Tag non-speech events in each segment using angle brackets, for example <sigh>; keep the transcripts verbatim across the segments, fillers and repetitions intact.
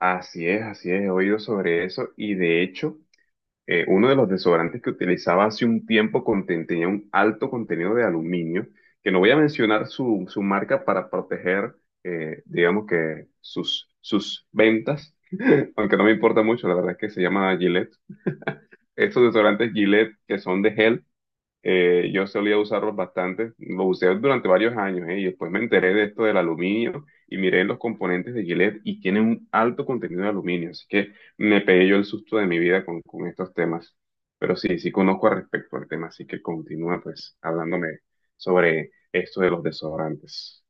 Así es, así es, he oído sobre eso y de hecho eh, uno de los desodorantes que utilizaba hace un tiempo conten- tenía un alto contenido de aluminio, que no voy a mencionar su, su marca para proteger, eh, digamos que sus, sus ventas, <laughs> aunque no me importa mucho, la verdad es que se llama Gillette. Estos desodorantes Gillette que son de gel eh, yo solía usarlos bastante, los usé durante varios años, eh, y después me enteré de esto del aluminio y miré los componentes de Gillette y tienen un alto contenido de aluminio, así que me pegué yo el susto de mi vida con, con estos temas. Pero sí, sí conozco al respecto al tema, así que continúa pues hablándome sobre esto de los desodorantes.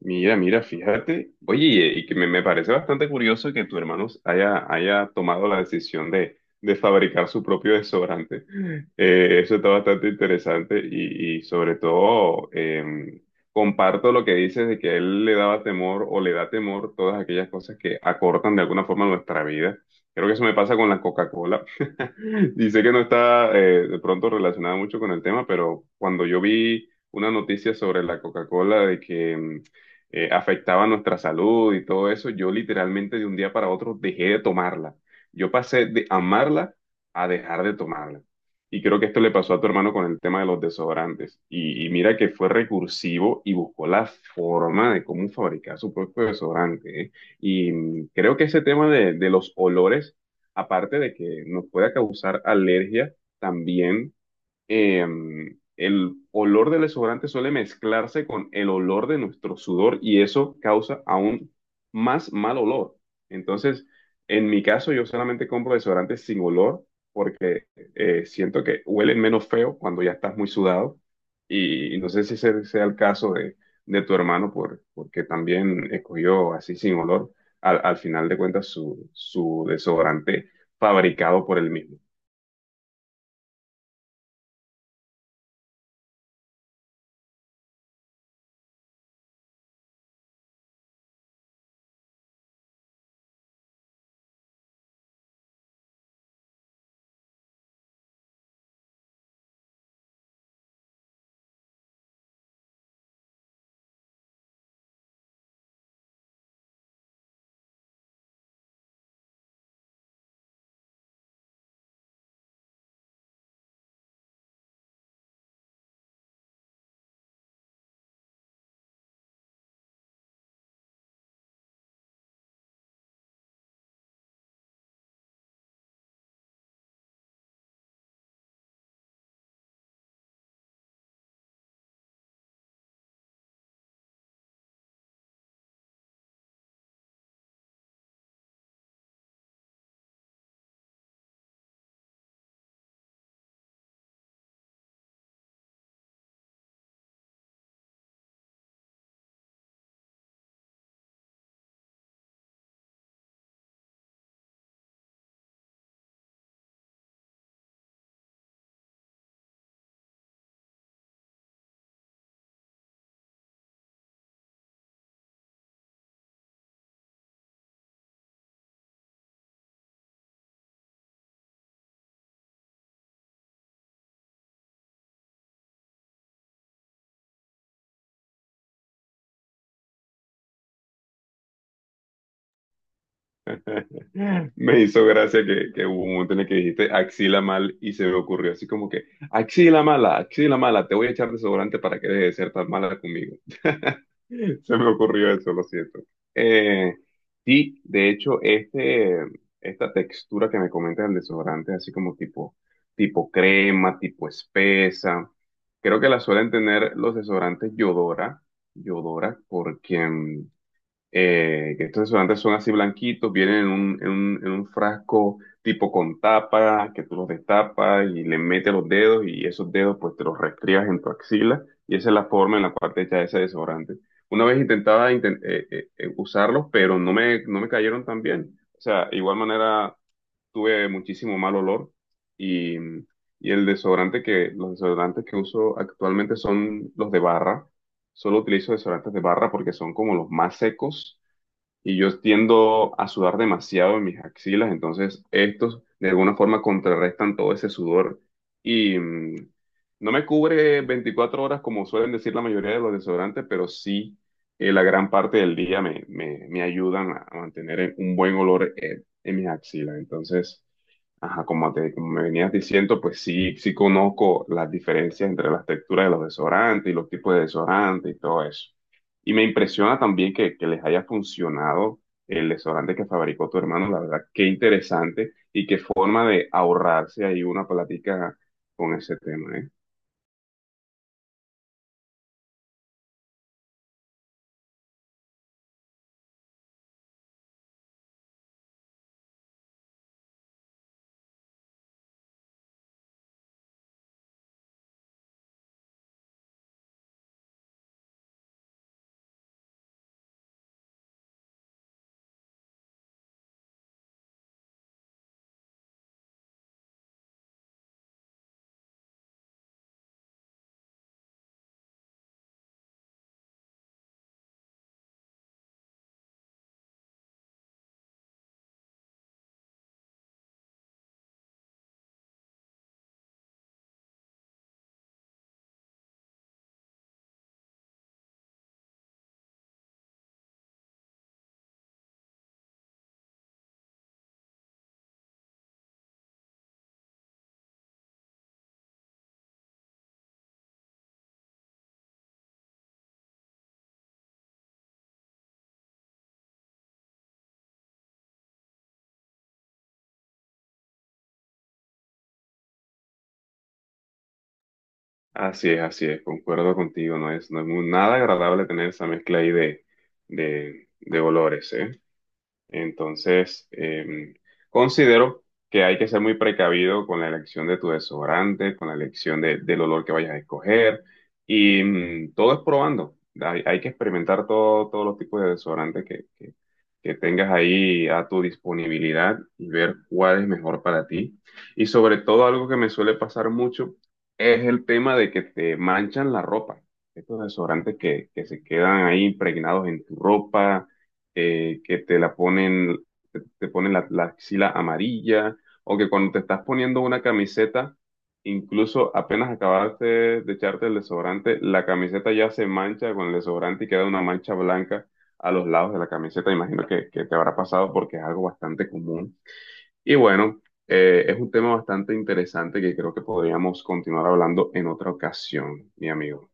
Mira, mira, fíjate. Oye, y, eh, y que me, me parece bastante curioso que tu hermano haya, haya tomado la decisión de, de fabricar su propio desodorante. Eh, eso está bastante interesante y, y sobre todo em, comparto lo que dices de que a él le daba temor o le da temor todas aquellas cosas que acortan de alguna forma nuestra vida. Creo que eso me pasa con la Coca-Cola. <laughs> Y sé que no está eh, de pronto relacionada mucho con el tema, pero cuando yo vi una noticia sobre la Coca-Cola de que... em, eh, afectaba nuestra salud y todo eso, yo literalmente de un día para otro dejé de tomarla. Yo pasé de amarla a dejar de tomarla. Y creo que esto le pasó a tu hermano con el tema de los desodorantes. Y, y mira que fue recursivo y buscó la forma de cómo fabricar su propio desodorante, ¿eh? Y mm, creo que ese tema de, de los olores, aparte de que nos pueda causar alergia, también eh, el olor del desodorante suele mezclarse con el olor de nuestro sudor y eso causa aún más mal olor. Entonces, en mi caso, yo solamente compro desodorantes sin olor porque eh, siento que huelen menos feo cuando ya estás muy sudado y no sé si ese sea el caso de, de tu hermano por, porque también escogió así sin olor al, al final de cuentas su, su desodorante fabricado por él mismo. Me hizo gracia que, que hubo un momento en el que dijiste axila mal y se me ocurrió así como que axila mala, axila mala, te voy a echar desodorante para que deje de ser tan mala conmigo. <laughs> Se me ocurrió eso, lo siento. Eh, sí, de hecho, este, esta textura que me comentas del desodorante, así como tipo, tipo crema, tipo espesa, creo que la suelen tener los desodorantes Yodora, Yodora, porque mm, eh, que estos desodorantes son así blanquitos, vienen en un, en un, en un frasco tipo con tapa, que tú los destapas y le metes los dedos y esos dedos pues te los restriegas en tu axila y esa es la forma en la cual te echas ese desodorante. Una vez intentaba inten- eh, eh, eh, usarlos, pero no me, no me cayeron tan bien. O sea, igual manera tuve muchísimo mal olor y, y el desodorante que, los desodorantes que uso actualmente son los de barra. Solo utilizo desodorantes de barra porque son como los más secos y yo tiendo a sudar demasiado en mis axilas, entonces estos de alguna forma contrarrestan todo ese sudor y mm, no me cubre veinticuatro horas como suelen decir la mayoría de los desodorantes, pero sí eh, la gran parte del día me, me, me ayudan a a mantener un buen olor eh, en mis axilas. Entonces, ajá, como te, como me venías diciendo, pues sí, sí conozco las diferencias entre las texturas de los desodorantes y los tipos de desodorantes y todo eso. Y me impresiona también que, que les haya funcionado el desodorante que fabricó tu hermano, la verdad, qué interesante y qué forma de ahorrarse ahí una plática con ese tema, ¿eh? Así es, así es, concuerdo contigo, no es, no es muy- nada agradable tener esa mezcla ahí de, de, de olores, ¿eh? Entonces, em, considero que hay que ser muy precavido con la elección de tu desodorante, con la elección de- del olor que vayas a escoger. Y mm, todo es probando. Hay, hay que experimentar todo- todos los tipos de desodorante que, que- que tengas ahí a tu disponibilidad y ver cuál es mejor para ti. Y sobre todo algo que me suele pasar mucho es el tema de que te manchan la ropa. Estos desodorantes que, que se quedan ahí impregnados en tu ropa eh, que te la ponen, te, te ponen la, la axila amarilla, o que cuando te estás poniendo una camiseta, incluso apenas acabaste de echarte el desodorante, la camiseta ya se mancha con el desodorante y queda una mancha blanca a los lados de la camiseta. Imagino que, que te habrá pasado porque es algo bastante común. Y bueno, eh, es un tema bastante interesante que creo que podríamos continuar hablando en otra ocasión, mi amigo.